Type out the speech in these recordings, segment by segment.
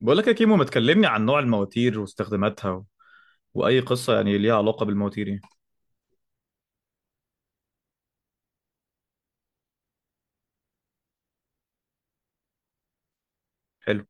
بقول لك يا كيمو ما تكلمني عن نوع المواتير واستخداماتها واي قصه يعني ليها علاقه بالمواتير يعني. حلو.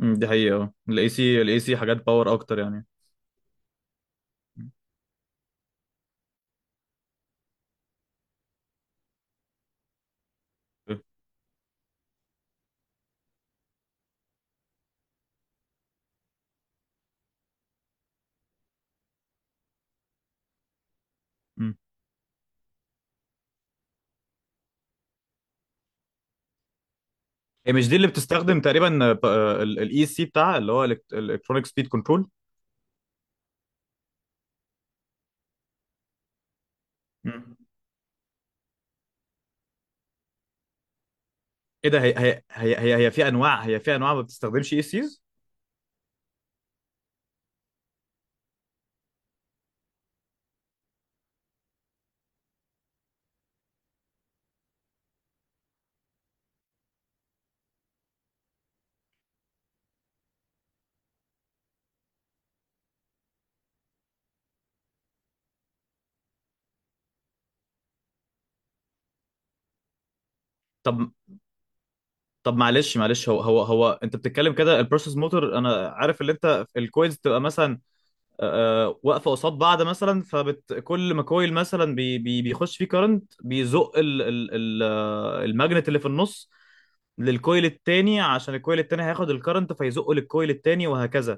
دي حقيقه اه، الاي سي الاي سي حاجات باور اكتر يعني. أمم. هي مش دي اللي بتستخدم تقريبا الاي سي بتاعها اللي هو الكترونيك سبيد كنترول؟ مم. ايه ده؟ هي في انواع، هي في انواع ما بتستخدمش اي سيز. طب طب معلش، هو انت بتتكلم كده البروسيس موتور، انا عارف اللي انت الكويز تبقى مثلا واقفه قصاد بعض، مثلا فكل ما كويل مثلا بي بيخش فيه كارنت بيزق ال ال ال آه، الماجنت اللي في النص للكويل التاني، عشان الكويل التاني هياخد الكرنت فيزقه للكويل التاني وهكذا.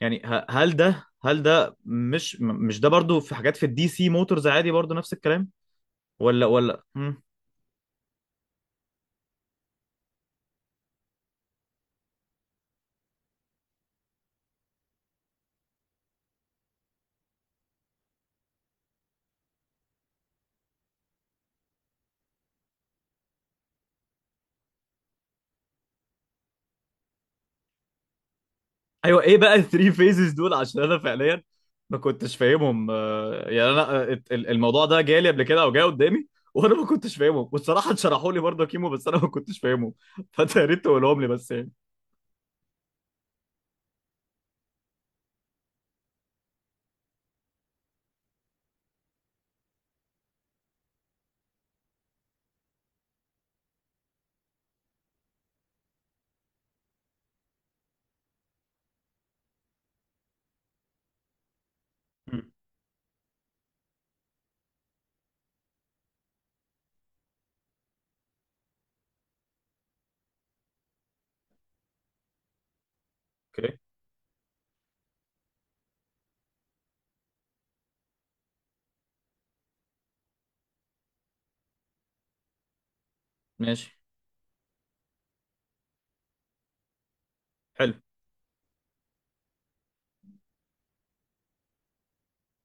يعني هل ده هل ده مش ده برضو في حاجات في الدي سي موتورز عادي برضو نفس الكلام؟ ولا مم. ايوه، ايه بقى الثري فيزز دول؟ عشان انا فعليا ما كنتش فاهمهم، يعني انا الموضوع ده جالي قبل كده او جاي قدامي وانا ما كنتش فاهمه، والصراحه اتشرحوا لي برضه كيمو بس انا ما كنتش فاهمه فانت يا ريت تقولهم لي بس يعني. مم. اوكي. ماشي. حلو.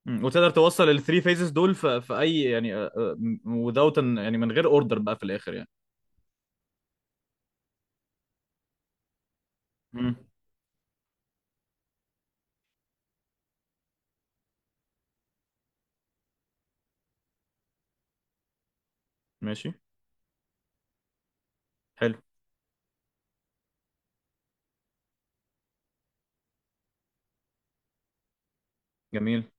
مم. وتقدر توصل الثري فيزز دول في اي يعني، وذاوت يعني من غير اوردر بقى في الاخر يعني؟ مم. ماشي. حلو. جميل.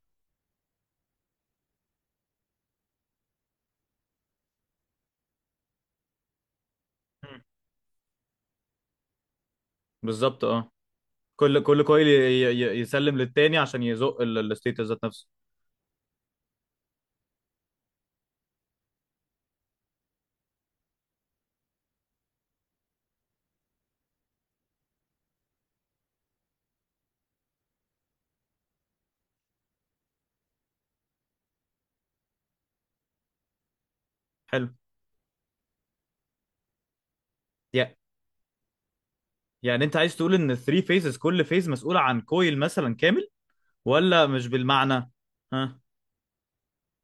مم. بالظبط اه. كل كويل يسلم للتاني عشان يزق الستيتس ذات نفسه. حلو. يا يعني انت عايز تقول ان الثري فيزز كل فيز مسؤولة عن كويل مثلا كامل، ولا مش بالمعنى؟ ها.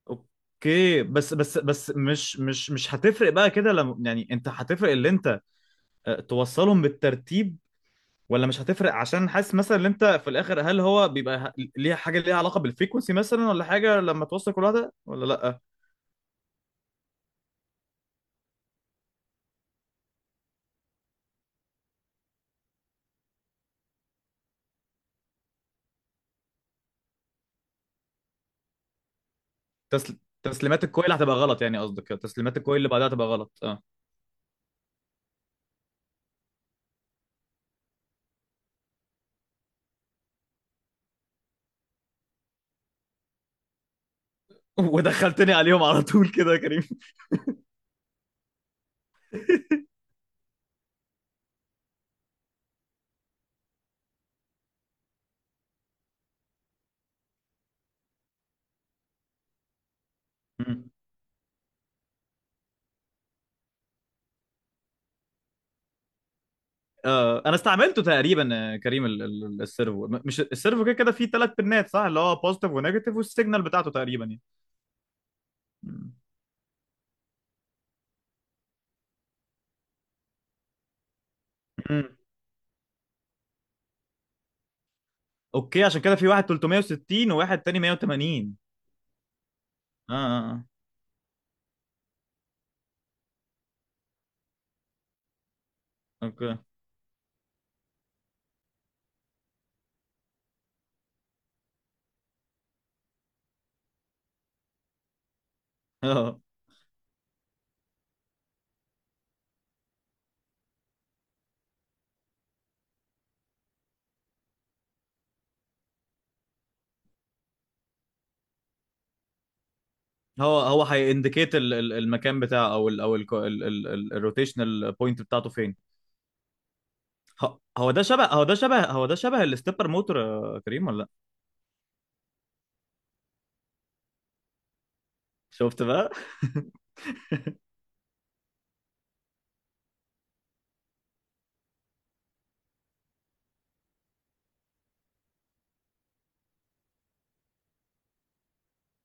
اوكي، بس مش هتفرق بقى كده لما يعني انت هتفرق اللي انت اه، توصلهم بالترتيب، ولا مش هتفرق؟ عشان حاسس مثلا ان انت في الاخر هل هو ليها حاجة ليها علاقة بالفريكونسي مثلا ولا حاجة لما توصل كل واحدة، ولا لا؟ تسليمات الكويل هتبقى غلط، يعني قصدك تسليمات الكويل اللي بعدها هتبقى غلط اه. ودخلتني عليهم على طول كده يا كريم. آه انا استعملته تقريبا كريم السيرفو، مش السيرفو كده كده فيه ثلاث بنات صح، اللي هو بوزيتيف ونيجاتيف والسيجنال بتاعته تقريبا يعني. مم. مم. اوكي، عشان كده في واحد 360 وواحد تاني 180. اه اه. آه. اوكي، اه هو هو هينديكيت المكان بتاعه او الروتيشنال بوينت بتاعته فين. هو ده شبه هو ده شبه هو ده شبه الستيبر موتور يا كريم ولا لا؟ شفت بقى.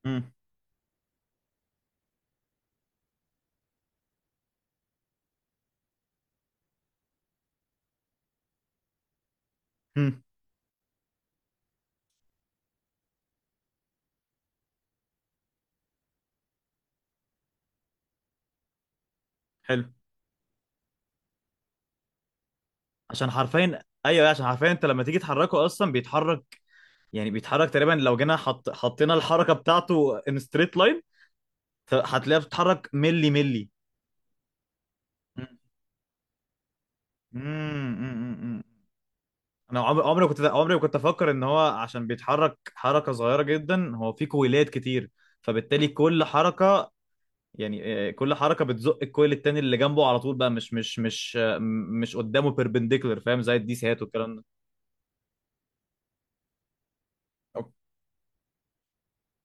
مم. مم. حلو. عشان حرفيا ايوه، عشان حرفيا انت لما تيجي تحركه اصلا بيتحرك، يعني بيتحرك تقريبا لو جينا حطينا الحركه بتاعته ان ستريت لاين هتلاقيها بتتحرك ملي ملي. امم. انا عمري كنت عمري ما كنت افكر ان هو عشان بيتحرك حركه صغيره جدا هو في كويلات كتير، فبالتالي كل حركه، يعني كل حركه بتزق الكويل التاني اللي جنبه على طول بقى، مش قدامه بيربنديكولر، فاهم زي الديسيهات والكلام ده. أوك-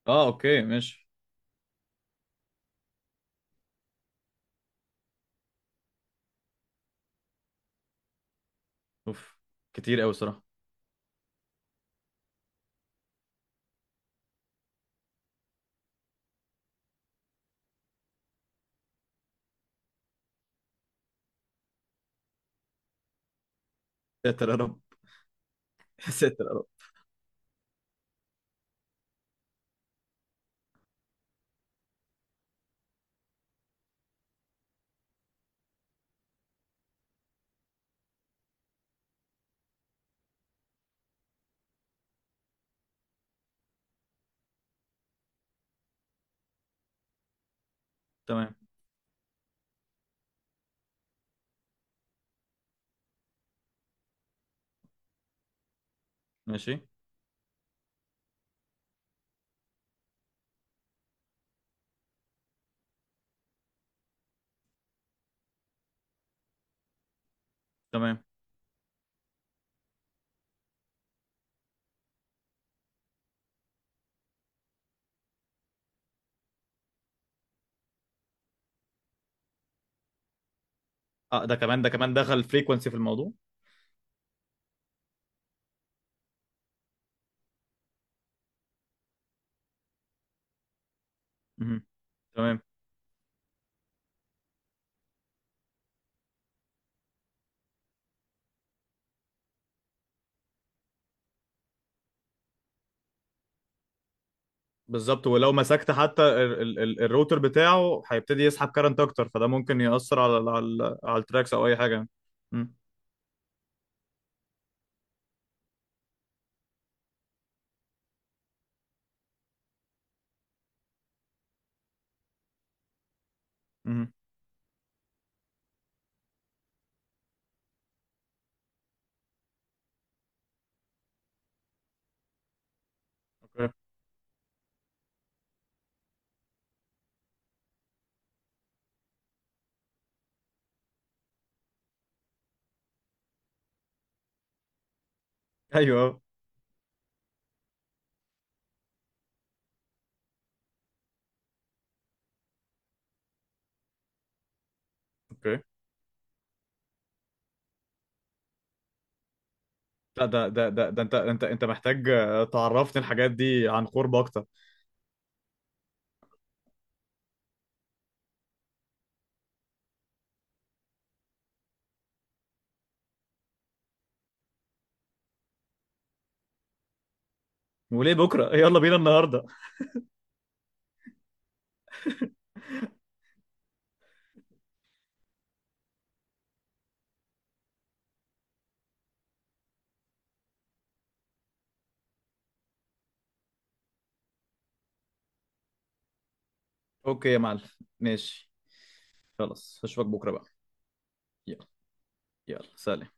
اه اوكي، ماشي. اوف، كتير قوي صراحه. ساتر يا رب. ساتر يا رب. تمام. ماشي. تمام. اه ده كمان، ده كمان دخل فريكونسي في الموضوع. مهم. تمام. بالظبط، ولو مسكت حتى ال الروتر بتاعه هيبتدي يسحب كارنت اكتر، فده ممكن يأثر على التراكس او اي حاجه. مم. مم. اوكي. ايوه. اوكي. لا ده انت محتاج تعرفني الحاجات دي عن قرب اكتر. وليه بكره؟ يلا بينا النهارده. اوكي يا معلم. ماشي. خلاص، اشوفك بكره بقى. يلا. يلا، سلام.